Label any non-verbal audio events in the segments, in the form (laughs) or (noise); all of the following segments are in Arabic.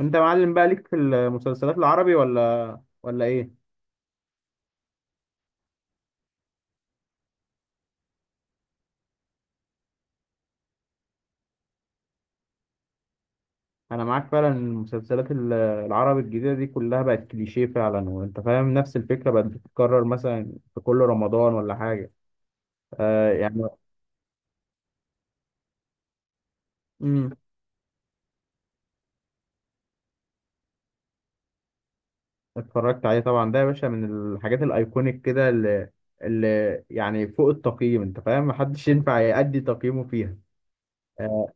انت معلم بقى ليك في المسلسلات العربي ولا ايه؟ انا معاك فعلا إن المسلسلات العربي الجديده دي كلها بقت كليشيه فعلا وانت فاهم، نفس الفكره بقت بتتكرر مثلا في كل رمضان ولا حاجه. آه، يعني. امم اتفرجت عليه طبعا، ده يا باشا من الحاجات الايكونيك كده، اللي يعني فوق التقييم، انت فاهم، محدش ينفع يأدي تقييمه فيها. آه،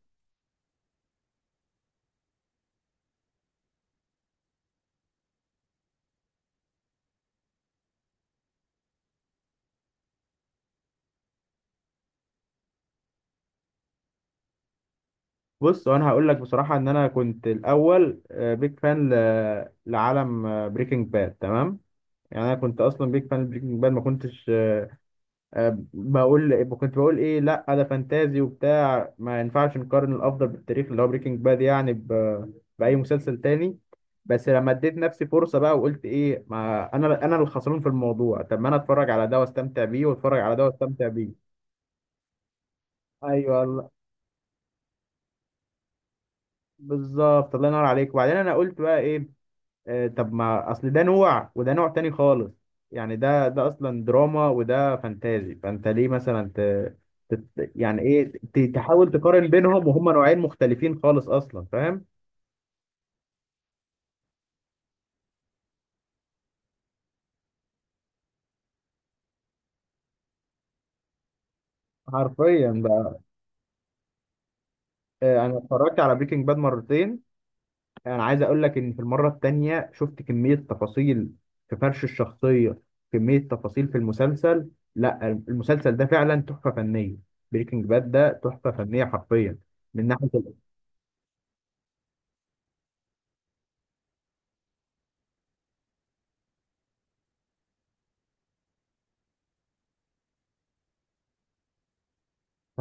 بص، وانا هقول لك بصراحه ان انا كنت الاول بيج فان لعالم بريكنج باد، تمام. يعني انا كنت اصلا بيك فان بريكنج باد، ما كنتش آه، بقول إيه، كنت بقول ايه، لا ده فانتازي وبتاع، ما ينفعش نقارن الافضل بالتاريخ اللي هو بريكنج باد يعني باي مسلسل تاني. بس لما اديت نفسي فرصه بقى وقلت ايه، ما انا اللي خسران في الموضوع، طب ما انا اتفرج على ده واستمتع بيه واتفرج على ده واستمتع بيه. ايوه، بالظبط، الله ينور عليك. وبعدين انا قلت بقى ايه، طب ما اصل ده نوع وده نوع تاني خالص، يعني ده اصلا دراما وده فانتازي. فانت ليه مثلا ت... تت- يعني ايه ت- تحاول تقارن بينهم وهما نوعين مختلفين خالص اصلا، فاهم. حرفيا بقى. انا اتفرجت على بريكنج باد مرتين، انا عايز اقول لك ان في المره التانية شفت كميه تفاصيل في فرش الشخصيه، كميه تفاصيل في المسلسل. لا، المسلسل ده فعلا تحفه فنيه، بريكنج باد ده تحفه فنيه حرفيا من ناحيه.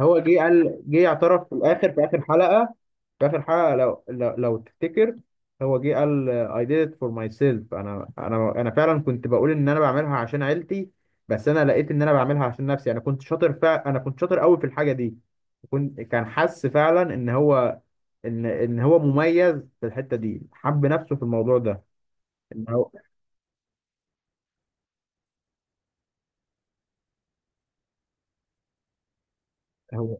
هو جه قال، جه اعترف في الاخر في اخر حلقه، في اخر حلقه لو تفتكر، هو جه قال I did it for myself، انا فعلا كنت بقول ان انا بعملها عشان عيلتي، بس انا لقيت ان انا بعملها عشان نفسي. انا كنت شاطر قوي في الحاجه دي، كان حس فعلا ان هو مميز في الحته دي، حب نفسه في الموضوع ده. ان هو هو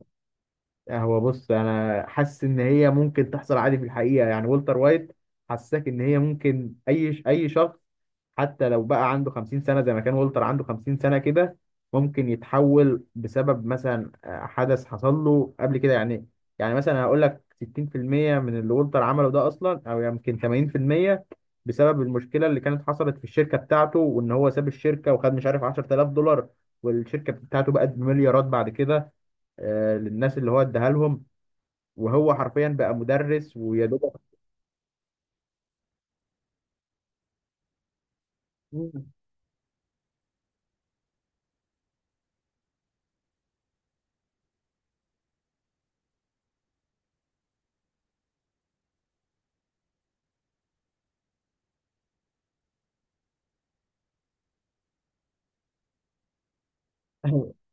آه، هو بص، انا حاسس ان هي ممكن تحصل عادي في الحقيقه. يعني والتر وايت حسسك ان هي ممكن اي شخص حتى لو بقى عنده 50 سنه، زي ما كان والتر عنده 50 سنه كده، ممكن يتحول بسبب مثلا حدث حصل له قبل كده يعني. يعني مثلا هقول لك 60% من اللي والتر عمله ده اصلا، او يمكن 80%، بسبب المشكله اللي كانت حصلت في الشركه بتاعته وان هو ساب الشركه وخد مش عارف $10,000، والشركه بتاعته بقت بمليارات بعد كده، للناس اللي هو اداها لهم، وهو حرفيا بقى مدرس ويا دوبك. (laughs)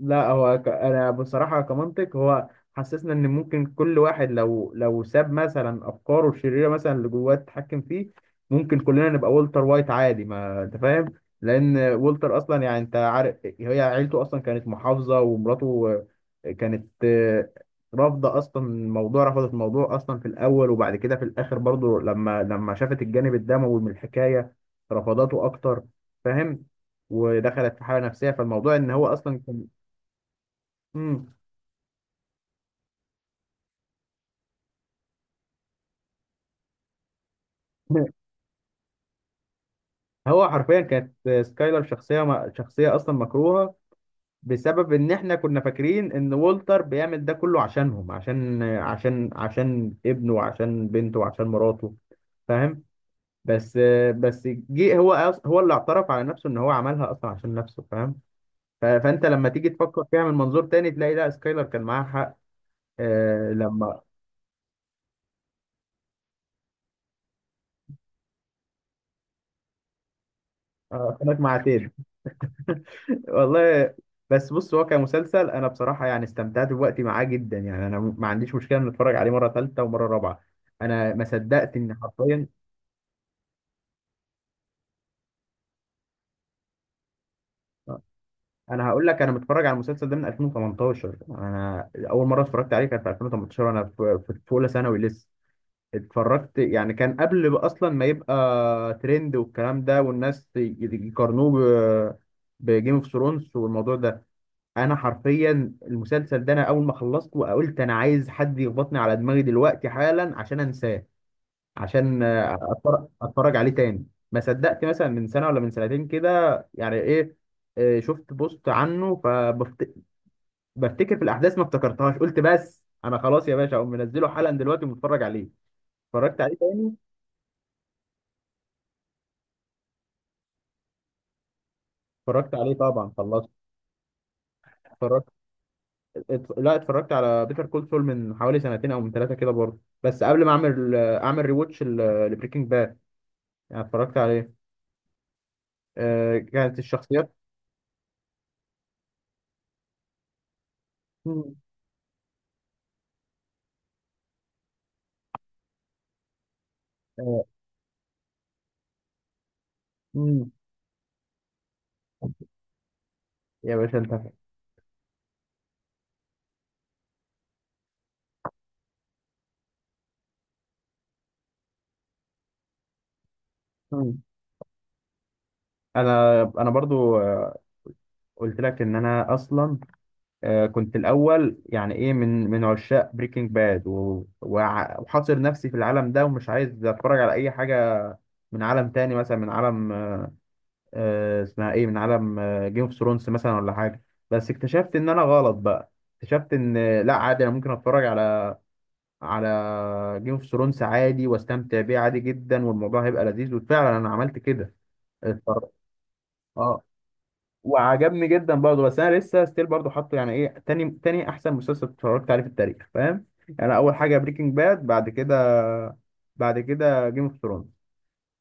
لا، هو انا بصراحه كمنطق، هو حسسنا ان ممكن كل واحد لو ساب مثلا افكاره الشريره، مثلا اللي جواه تتحكم فيه، ممكن كلنا نبقى والتر وايت عادي، ما انت فاهم. لان والتر اصلا، يعني انت عارف، هي عيلته اصلا كانت محافظه، ومراته كانت رافضه اصلا الموضوع، رفضت الموضوع اصلا في الاول، وبعد كده في الاخر برضه لما شافت الجانب الدموي من الحكايه رفضته اكتر، فاهم، ودخلت في حاله نفسيه. فالموضوع ان هو اصلا كان. مم. (laughs) هو حرفيا كانت سكايلر شخصية أصلا مكروهة بسبب إن إحنا كنا فاكرين إن والتر بيعمل ده كله عشانهم، عشان ابنه وعشان بنته وعشان مراته، فاهم. بس، هو اللي اعترف على نفسه إن هو عملها أصلا عشان نفسه، فاهم. فأنت لما تيجي تفكر فيها من منظور تاني تلاقي لا، سكايلر كان معاها حق. آه لما كانت مع تيد. (laughs) والله. بس بص، هو كمسلسل انا بصراحه يعني استمتعت بوقتي معاه جدا، يعني انا ما عنديش مشكله ان اتفرج عليه مره ثالثه ومره رابعه. انا ما صدقت ان حرفيا، انا هقول لك، انا متفرج على المسلسل ده من 2018، انا اول مره اتفرجت عليه كان في 2018، وانا في اولى ثانوي لسه. اتفرجت يعني، كان قبل بقى اصلا ما يبقى ترند والكلام ده والناس يقارنوه بجيم اوف ثرونز والموضوع ده. انا حرفيا المسلسل ده، انا اول ما خلصته وقلت انا عايز حد يخبطني على دماغي دلوقتي حالا عشان انساه، عشان اتفرج عليه تاني. ما صدقت مثلا من سنه ولا من سنتين كده، يعني ايه، شفت بوست عنه فبفتكر في الاحداث ما افتكرتهاش، قلت بس انا خلاص يا باشا، اقوم منزله حالا دلوقتي ومتفرج عليه، اتفرجت عليه تاني. اتفرجت عليه طبعا، خلصت، اتفرجت، لا اتفرجت على بيتر كول سول من حوالي سنتين او من ثلاثه كده برضه، بس قبل ما اعمل اعمل ريواتش لبريكنج، يعني اتفرجت عليه. آه، كانت الشخصيات. مم. آه. مم. يا باشا انت. مم. انا برضو، قلت لك ان انا اصلا، كنت الاول، يعني ايه، من عشاق بريكنج باد وحاصر نفسي في العالم ده، ومش عايز اتفرج على اي حاجه من عالم تاني، مثلا من عالم، اسمها ايه، من عالم جيم اوف ثرونز مثلا ولا حاجه. بس اكتشفت ان انا غلط بقى، اكتشفت ان لا، عادي، انا ممكن اتفرج على، على جيم اوف ثرونز عادي، واستمتع بيه عادي جدا، والموضوع هيبقى لذيذ، وفعلا انا عملت كده. اتفرج- اه، وعجبني جدا برضه، بس انا لسه ستيل برضه حاطه، يعني ايه، تاني تاني احسن مسلسل اتفرجت عليه في التاريخ، فاهم. يعني اول حاجه بريكنج باد، بعد كده، بعد كده جيم اوف ثرونز.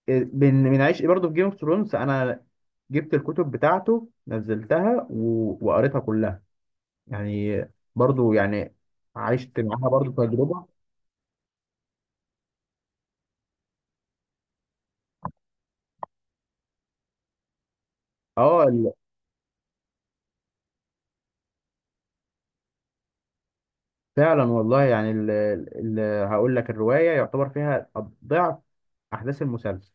بنعيش ايه برضه في جيم اوف ثرونز، انا جبت الكتب بتاعته نزلتها وقريتها كلها، يعني، برضه يعني، عشت معاها برضه تجربه. اه فعلا والله. يعني ال ال هقول لك الرواية يعتبر فيها ضعف أحداث المسلسل،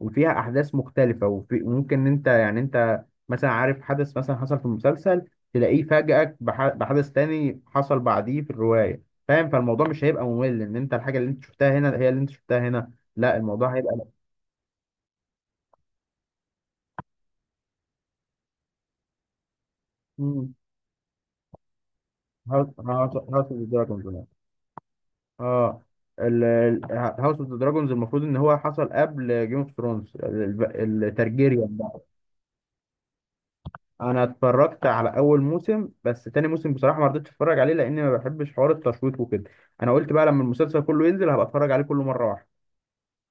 وفيها أحداث مختلفة، وفي، وممكن إن أنت يعني، أنت مثلا عارف حدث مثلا حصل في المسلسل تلاقيه فاجئك بحدث تاني حصل بعديه في الرواية، فاهم، فالموضوع مش هيبقى ممل إن أنت الحاجة اللي أنت شفتها هنا هي اللي أنت شفتها هنا، لا الموضوع هيبقى هاوس اوف ذا دراجونز. اه، هاوس اوف ذا دراجونز المفروض ان هو حصل قبل جيم اوف ثرونز. انا اتفرجت على اول موسم، بس تاني موسم بصراحه ما رضيتش اتفرج عليه لان ما بحبش حوار التشويق وكده، انا قلت بقى لما المسلسل كله ينزل هبقى اتفرج عليه كله مره واحده.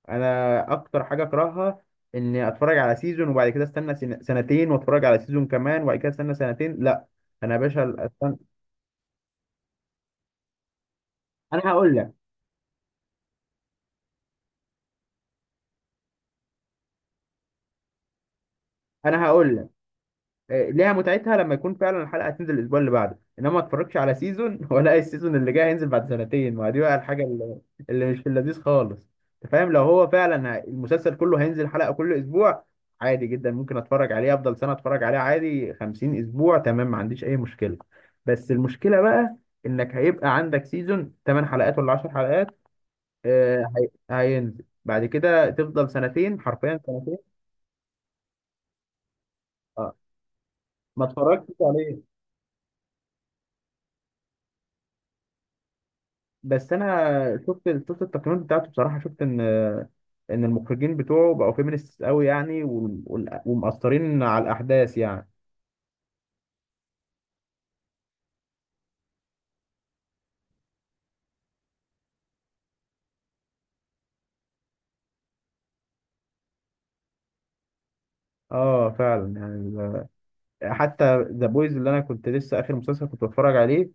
انا اكتر حاجه اكرهها اني اتفرج على سيزون وبعد كده استنى سنتين واتفرج على سيزون كمان وبعد كده استنى سنتين، لا. انا يا باشا استنى. انا هقول لك، انا هقول لك، ليها متعتها لما يكون فعلا الحلقه هتنزل الاسبوع اللي بعده، انما ما اتفرجش على سيزون (laughs) ولا السيزون اللي جاي هينزل بعد سنتين، ما دي بقى الحاجه اللي مش في اللذيذ خالص. انت فاهم لو هو فعلا المسلسل كله هينزل حلقه كل اسبوع عادي جدا، ممكن اتفرج عليه افضل سنه، اتفرج عليه عادي 50 اسبوع، تمام، ما عنديش اي مشكله. بس المشكله بقى انك هيبقى عندك سيزون 8 حلقات ولا 10 حلقات، هينزل بعد كده، تفضل سنتين، حرفيا سنتين. اه، ما اتفرجتش عليه. بس انا شفت التقييمات بتاعته بصراحه، شفت ان المخرجين بتوعه بقوا فيمينيست قوي يعني، ومأثرين على الاحداث يعني. اه فعلا يعني، حتى ذا بويز اللي انا كنت لسه اخر مسلسل كنت بتفرج عليه،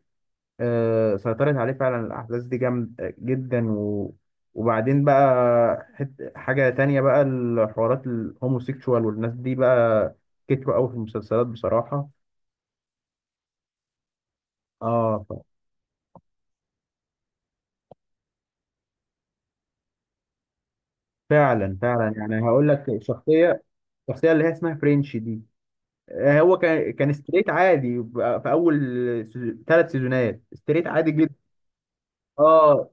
آه سيطرت عليه فعلا الاحداث دي جامد جدا، و، وبعدين بقى حاجه تانية بقى، الحوارات الهوموسيكشوال والناس دي بقى كتروا قوي في المسلسلات بصراحه. اه فعلا فعلا، يعني هقول لك شخصيه، الشخصية اللي هي اسمها فرينش دي، هو كان ستريت عادي في أول ثلاث سيزونات ستريت عادي جدا. اه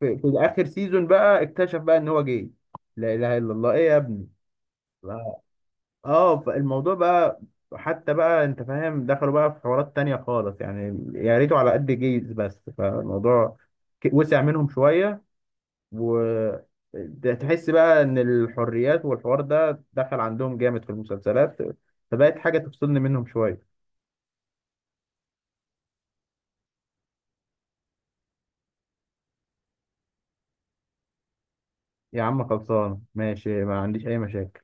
في آخر سيزون بقى اكتشف بقى إن هو جاي، لا إله إلا الله، إيه يا ابني. ف- اه فالموضوع بقى حتى بقى، انت فاهم، دخلوا بقى في حوارات تانية خالص يعني، يا ريته على قد جيز بس، فالموضوع وسع منهم شوية، و، ده تحس بقى ان الحريات والحوار ده دخل عندهم جامد في المسلسلات، فبقت حاجه تفصلني منهم شويه. يا عم خلصان ماشي، ما عنديش اي مشاكل.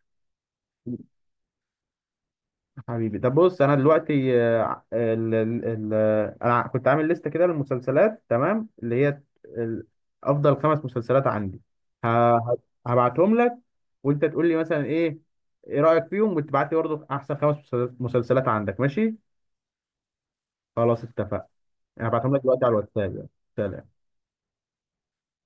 حبيبي طب بص، انا دلوقتي آه، ال ال ال انا كنت عامل لستة كده للمسلسلات تمام، اللي هي افضل خمس مسلسلات عندي، ه- ه- هبعتهم لك، وانت تقول لي مثلا ايه، ايه رأيك فيهم، وتبعت لي برضه احسن خمس مسلسلات مسلسلات عندك، ماشي. خلاص اتفقنا، انا بعتهم لك دلوقتي على الواتساب يعني. سلام.